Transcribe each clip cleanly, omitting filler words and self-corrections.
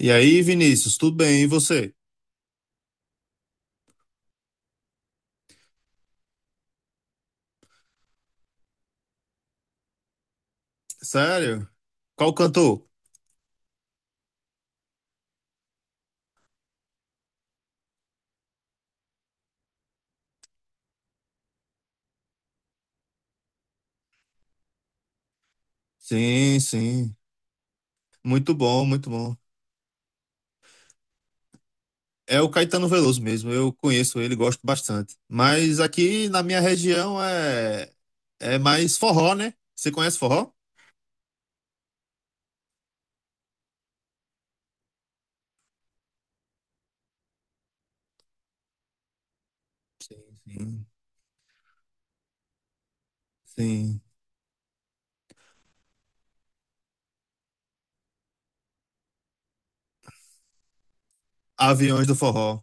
E aí, Vinícius, tudo bem? E você? Sério? Qual cantor? Sim, sim. Muito bom, muito bom. É o Caetano Veloso mesmo. Eu conheço ele, gosto bastante. Mas aqui na minha região é mais forró, né? Você conhece forró? Sim, sim. Sim. Aviões do Forró.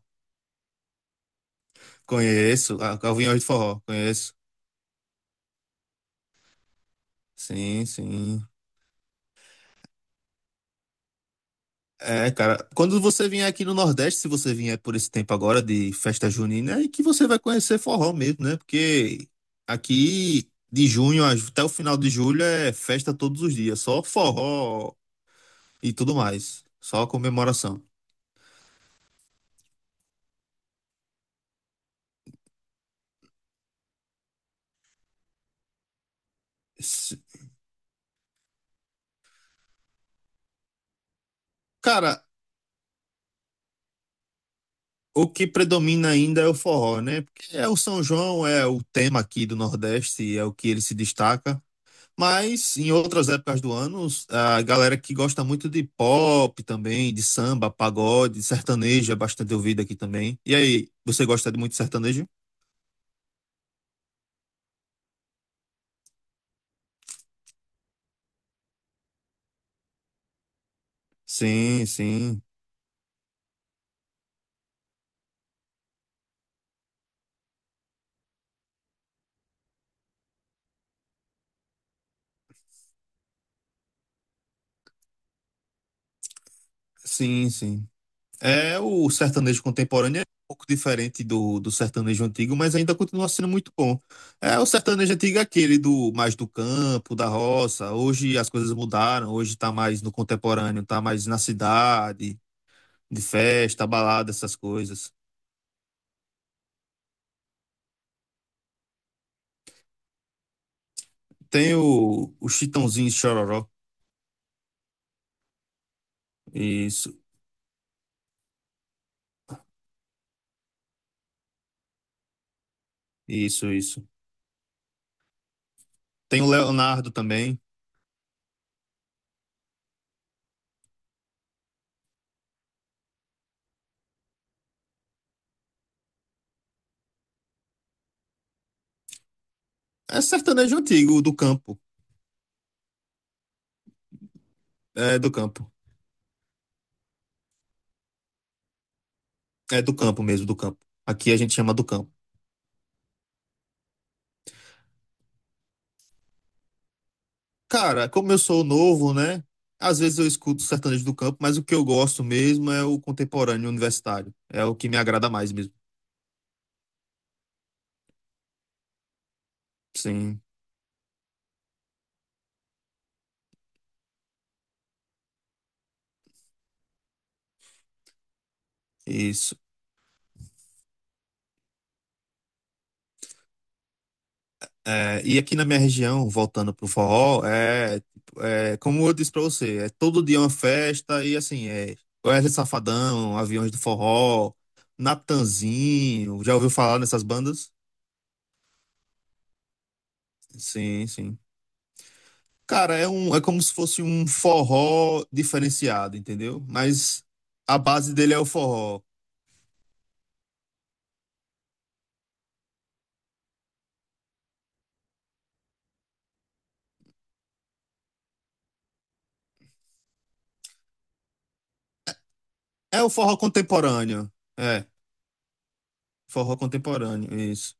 Conheço. Ah, Aviões do Forró. Conheço. Sim, sim. É, cara, quando você vier aqui no Nordeste, se você vier por esse tempo agora de festa junina, é que você vai conhecer forró mesmo, né? Porque aqui de junho até o final de julho é festa todos os dias, só forró e tudo mais, só comemoração. S- Cara, o que predomina ainda é o forró, né? Porque é o São João, é o tema aqui do Nordeste, é o que ele se destaca. Mas em outras épocas do ano, a galera que gosta muito de pop também, de samba, pagode, sertanejo é bastante ouvido aqui também. E aí, você gosta de muito sertanejo? Sim, sim, sim, sim. É o sertanejo contemporâneo é um pouco diferente do sertanejo antigo, mas ainda continua sendo muito bom. É o sertanejo antigo é aquele do mais do campo, da roça. Hoje as coisas mudaram, hoje tá mais no contemporâneo, tá mais na cidade, de festa, balada, essas coisas. Tem o Chitãozinho e Chororó. Isso, isso, isso. Tem o Leonardo também. É sertanejo antigo, do campo. É do campo. É do campo mesmo, do campo. Aqui a gente chama do campo. Cara, como eu sou novo, né? Às vezes eu escuto sertanejo do campo, mas o que eu gosto mesmo é o contemporâneo universitário. É o que me agrada mais mesmo. Sim, isso. É, e aqui na minha região, voltando pro forró, é, tipo, é, como eu disse pra você, é todo dia uma festa e assim, é Wesley Safadão, Aviões do Forró, Natanzinho, já ouviu falar nessas bandas? Sim, sim. Cara, é um, é como se fosse um forró diferenciado, entendeu? Mas a base dele é o forró. É o forró contemporâneo. É, forró contemporâneo, isso.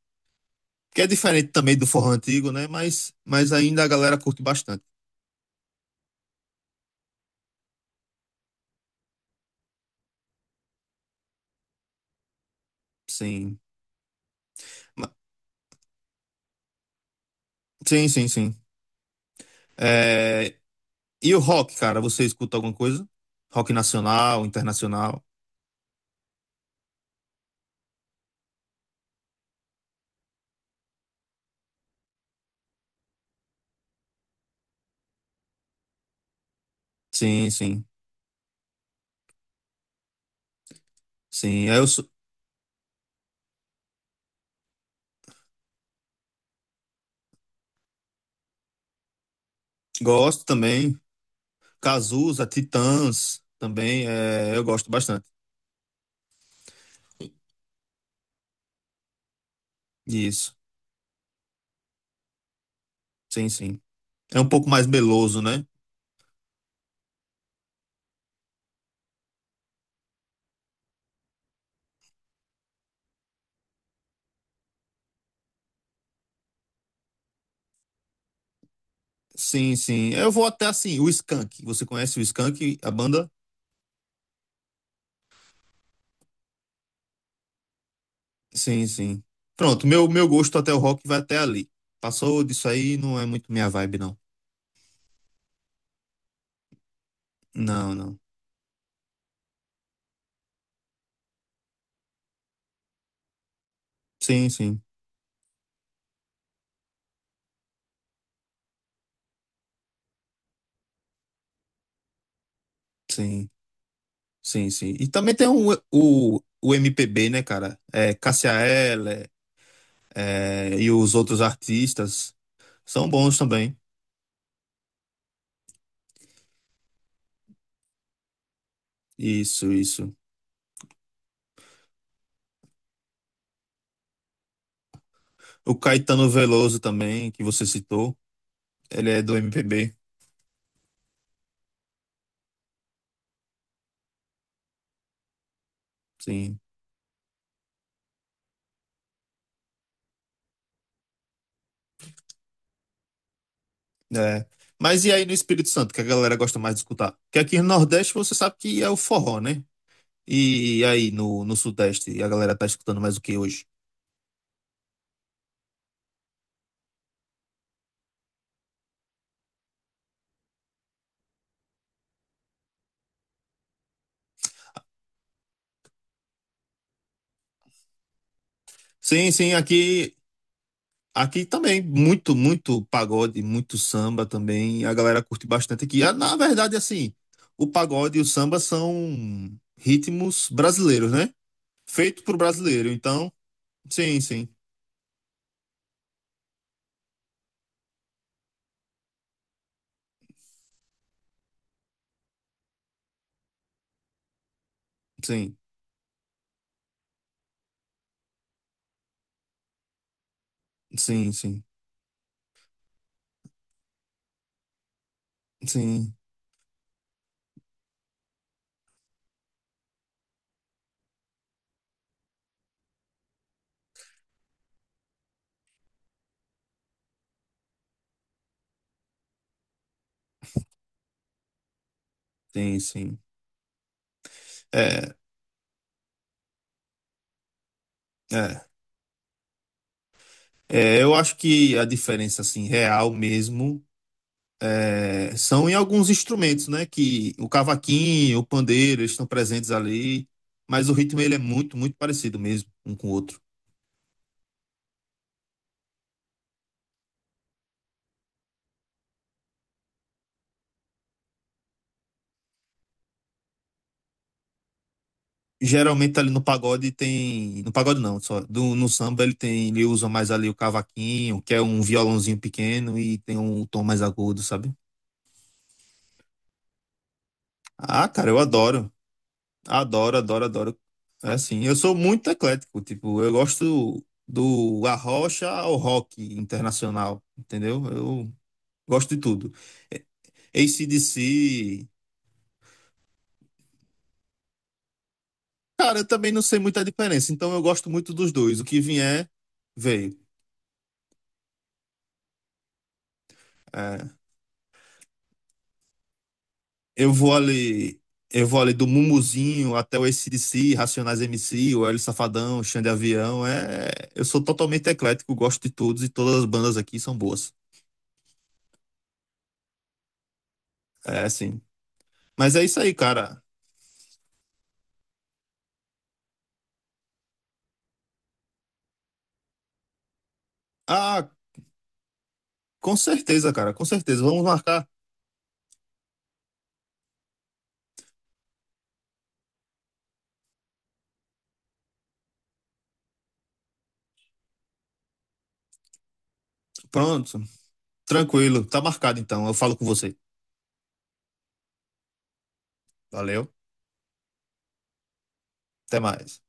Que é diferente também do forró antigo, né? Mas ainda a galera curte bastante. Sim. Sim, sim, sim. É, e o rock, cara, você escuta alguma coisa? Rock nacional, internacional? Sim, sim, sim. Gosto também. Cazuza, Titãs também, é, eu gosto bastante disso. Sim, sim. É um pouco mais meloso, né? Sim, sim. Eu vou até assim, o Skank. Você conhece o Skank, a banda? Sim, sim. Pronto, meu gosto até o rock vai até ali. Passou disso aí, não é muito minha vibe, não. Não, não. Sim, sim, sim. Sim, sim. E também tem o MPB, né, cara? É, Cássia Eller, é, e os outros artistas são bons também. Isso, isso. O Caetano Veloso também, que você citou, ele é do MPB, sim. É. Mas e aí no Espírito Santo, que a galera gosta mais de escutar? Porque aqui no Nordeste você sabe que é o forró, né? E aí no Sudeste, a galera tá escutando mais o que hoje? Sim, sim, aqui também, muito, muito pagode, muito samba também. A galera curte bastante aqui. Ah, na verdade, assim, o pagode e o samba são ritmos brasileiros, né? Feito pro brasileiro. Então, sim, sim, sim, sim, sim, sim, sim, sim. É, é. É, eu acho que a diferença, assim, real mesmo, é, são em alguns instrumentos, né? Que o cavaquinho, o pandeiro, eles estão presentes ali. Mas o ritmo, ele é muito, muito parecido mesmo, um com o outro. Geralmente ali no pagode tem. No pagode não, só. No samba ele tem. Ele usa mais ali o cavaquinho, que é um violãozinho pequeno e tem um tom mais agudo, sabe? Ah, cara, eu adoro. Adoro, adoro, adoro. É assim, eu sou muito eclético, tipo, eu gosto do arrocha ao rock internacional, entendeu? Eu gosto de tudo. É, AC/DC, cara, eu também não sei muita diferença, então eu gosto muito dos dois. O que vier, veio. É, Eu vou ali, eu vou ali do Mumuzinho até o AC/DC, Racionais MC, o Hélio Safadão, Xande Avião. É, eu sou totalmente eclético, gosto de todos e todas as bandas aqui são boas. É, sim. Mas é isso aí, cara. Ah, com certeza, cara, com certeza. Vamos marcar. Pronto, tranquilo. Tá marcado então. Eu falo com você. Valeu. Até mais.